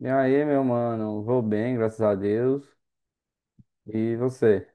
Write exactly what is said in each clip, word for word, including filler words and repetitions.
E aí, meu mano, vou bem, graças a Deus. E você?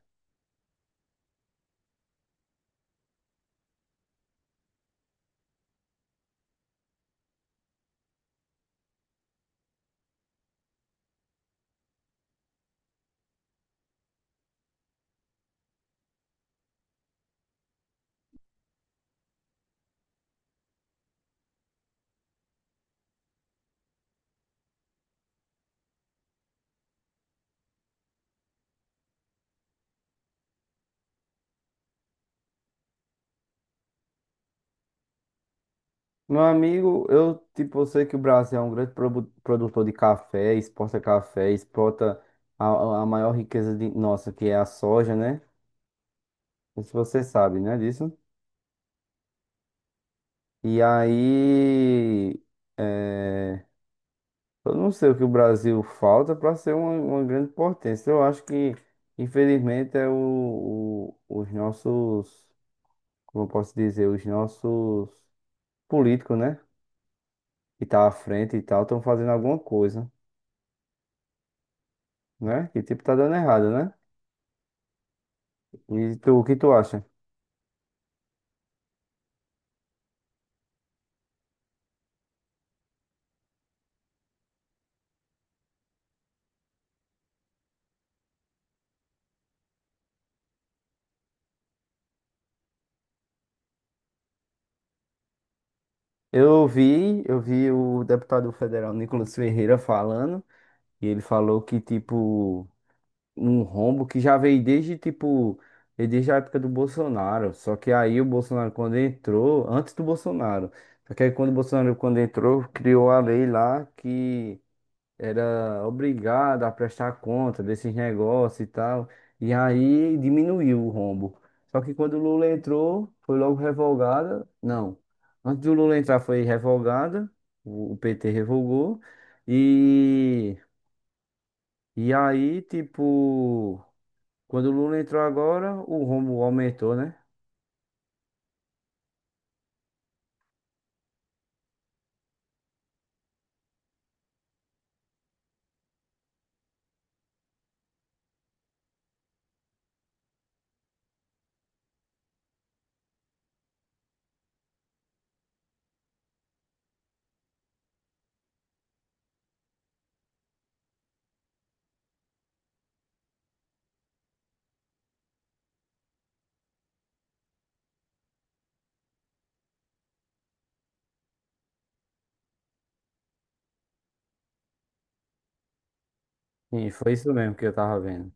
Meu amigo, eu tipo, eu sei que o Brasil é um grande produ- produtor de café, exporta café, exporta a, a a maior riqueza de nossa, que é a soja, né? Não sei se você sabe, né, disso. E aí, é, eu não sei o que o Brasil falta para ser uma, uma grande potência. Eu acho que, infelizmente, é o, o- os nossos, como eu posso dizer, os nossos políticos, né? Que tá à frente e tal, estão fazendo alguma coisa, né? Que tipo tá dando errado, né? E tu, o que tu acha? Eu vi, eu vi o deputado federal Nicolas Ferreira falando, e ele falou que, tipo, um rombo que já veio desde, tipo, veio desde a época do Bolsonaro. Só que aí o Bolsonaro, quando entrou, antes do Bolsonaro, só que aí quando o Bolsonaro, quando entrou, criou a lei lá que era obrigado a prestar conta desses negócios e tal. E aí diminuiu o rombo. Só que quando o Lula entrou, foi logo revogada. Não, antes do Lula entrar foi revogada, o o P T revogou. E, e aí, tipo, quando o Lula entrou agora, o rombo aumentou, né? E foi isso mesmo que eu tava vendo.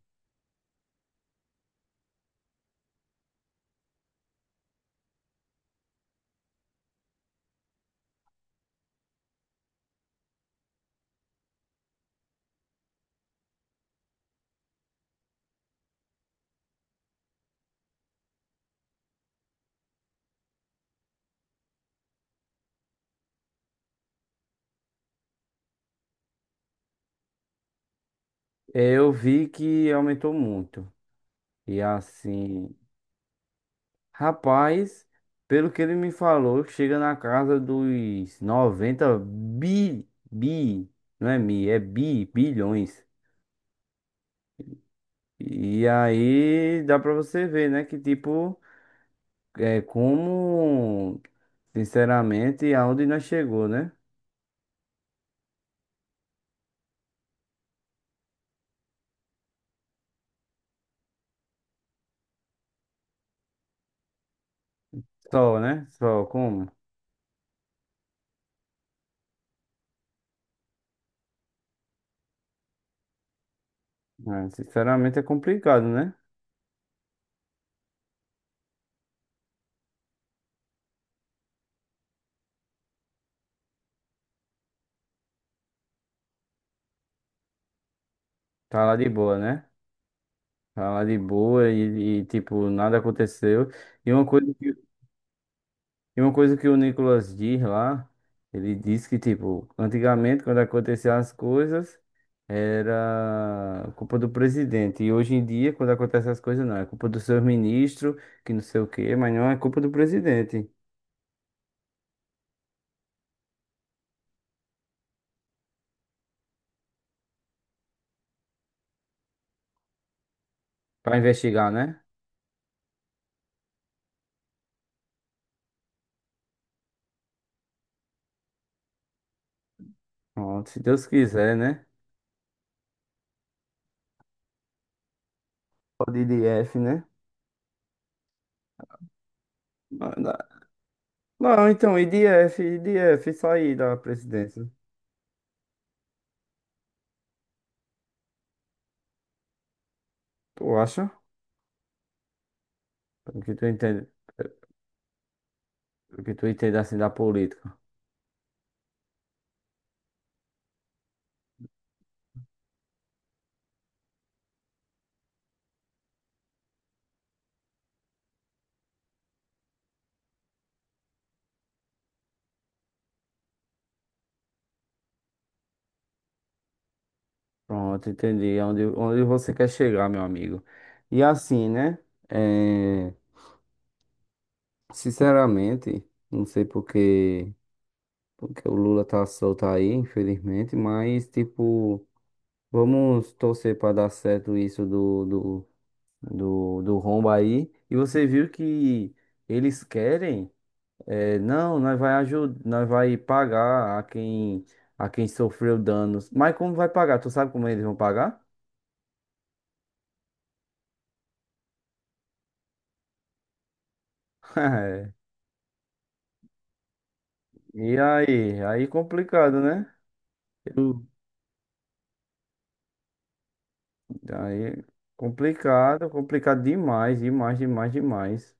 Eu vi que aumentou muito. E assim, rapaz, pelo que ele me falou, chega na casa dos noventa bi, bi, não é mi, é bi, bilhões. E aí dá pra você ver, né, que tipo, é como, sinceramente, aonde nós chegou, né? Só, né? Só, como? É, sinceramente é complicado, né? Tá lá de boa, né? Tá lá de boa e, e tipo, nada aconteceu. E uma coisa que E uma coisa que o Nicolas diz lá, ele diz que, tipo, antigamente, quando aconteciam as coisas, era culpa do presidente. E hoje em dia, quando acontecem as coisas, não, é culpa do seu ministro, que não sei o quê, mas não é culpa do presidente. Pra investigar, né? Pronto, se Deus quiser, né? Pode ir de F, né? Não, não, não, então, I D F I D F, sair da presidência. Tu acha? Pelo que tu entende, pelo que tu entende, assim da política. Pronto, entendi. É. Onde, onde você quer chegar, meu amigo. E assim, né? É, sinceramente, não sei porque, porque o Lula tá solto aí, infelizmente, mas, tipo, vamos torcer para dar certo isso do, do, do, do, rombo aí. E você viu que eles querem, é, não, nós vai ajudar, nós vai pagar a quem, a quem sofreu danos. Mas como vai pagar? Tu sabe como eles vão pagar? E aí? Aí complicado, né? Eu- Aí complicado, complicado demais, demais, demais, demais.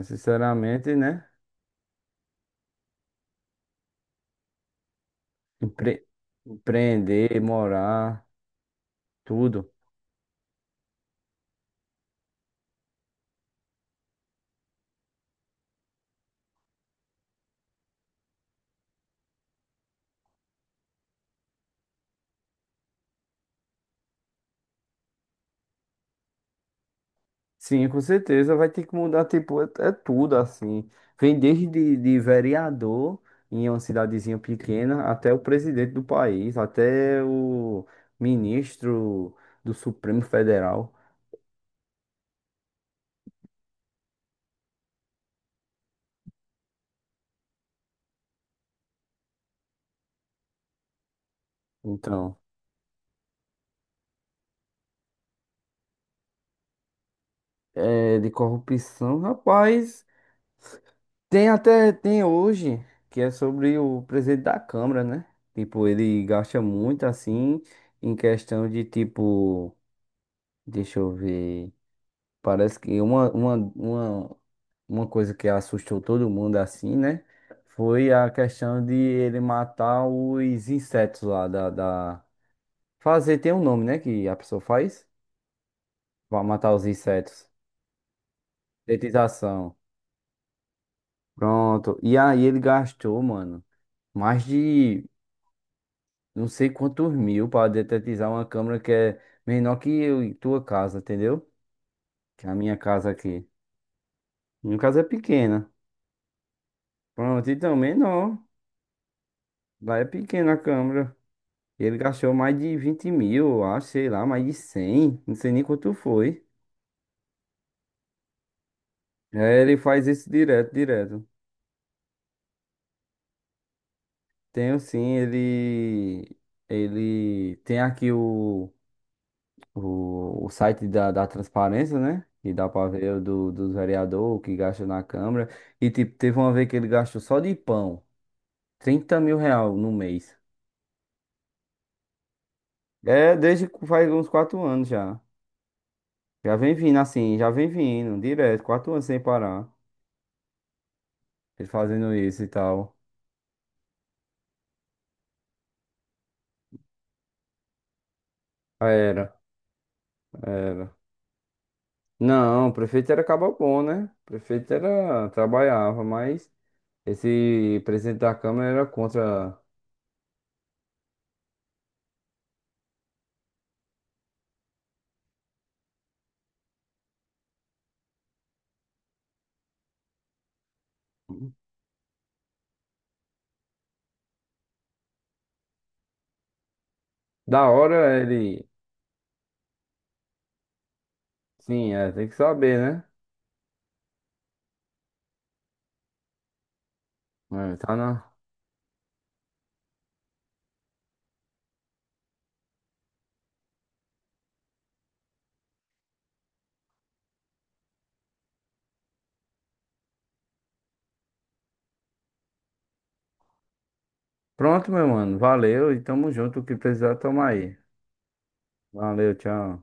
É, sinceramente, né? Empre- empreender, morar, tudo. Sim, com certeza vai ter que mudar, tipo, é, é tudo assim. Vem desde de, de vereador em uma cidadezinha pequena até o presidente do país, até o ministro do Supremo Federal. Então, é, de corrupção, rapaz. Tem até, tem hoje, que é sobre o presidente da Câmara, né? Tipo, ele gasta muito assim, em questão de tipo, deixa eu ver, parece que uma, uma, uma, uma coisa que assustou todo mundo assim, né? Foi a questão de ele matar os insetos lá da, da... Fazer tem um nome, né? Que a pessoa faz pra matar os insetos. Detetização. Pronto. E aí ele gastou, mano, mais de não sei quantos mil para detetizar uma câmera que é menor que eu e tua casa, entendeu? Que é a minha casa aqui. Minha casa é pequena. Pronto, então, menor. Lá é pequena a câmera. Ele gastou mais de vinte mil, eu acho, sei lá, mais de cem, não sei nem quanto foi. É, ele faz isso direto, direto. Tenho sim, ele. Ele tem aqui o. O, o site da, da transparência, né? E dá pra ver o do, dos vereadores que gastam na Câmara. E tipo, teve uma vez que ele gastou só de pão trinta mil real no mês. É, desde que faz uns quatro anos já. Já vem vindo assim, já vem vindo, direto, quatro anos sem parar. Ele fazendo isso e tal. Era, era. Não, o prefeito era bom né? O prefeito era, trabalhava, mas esse presidente da Câmara era contra. Da hora ele. Sim, é, tem que saber, né? É, tá na... Pronto, meu mano. Valeu e tamo junto. O que precisar, tamo aí. Valeu, tchau.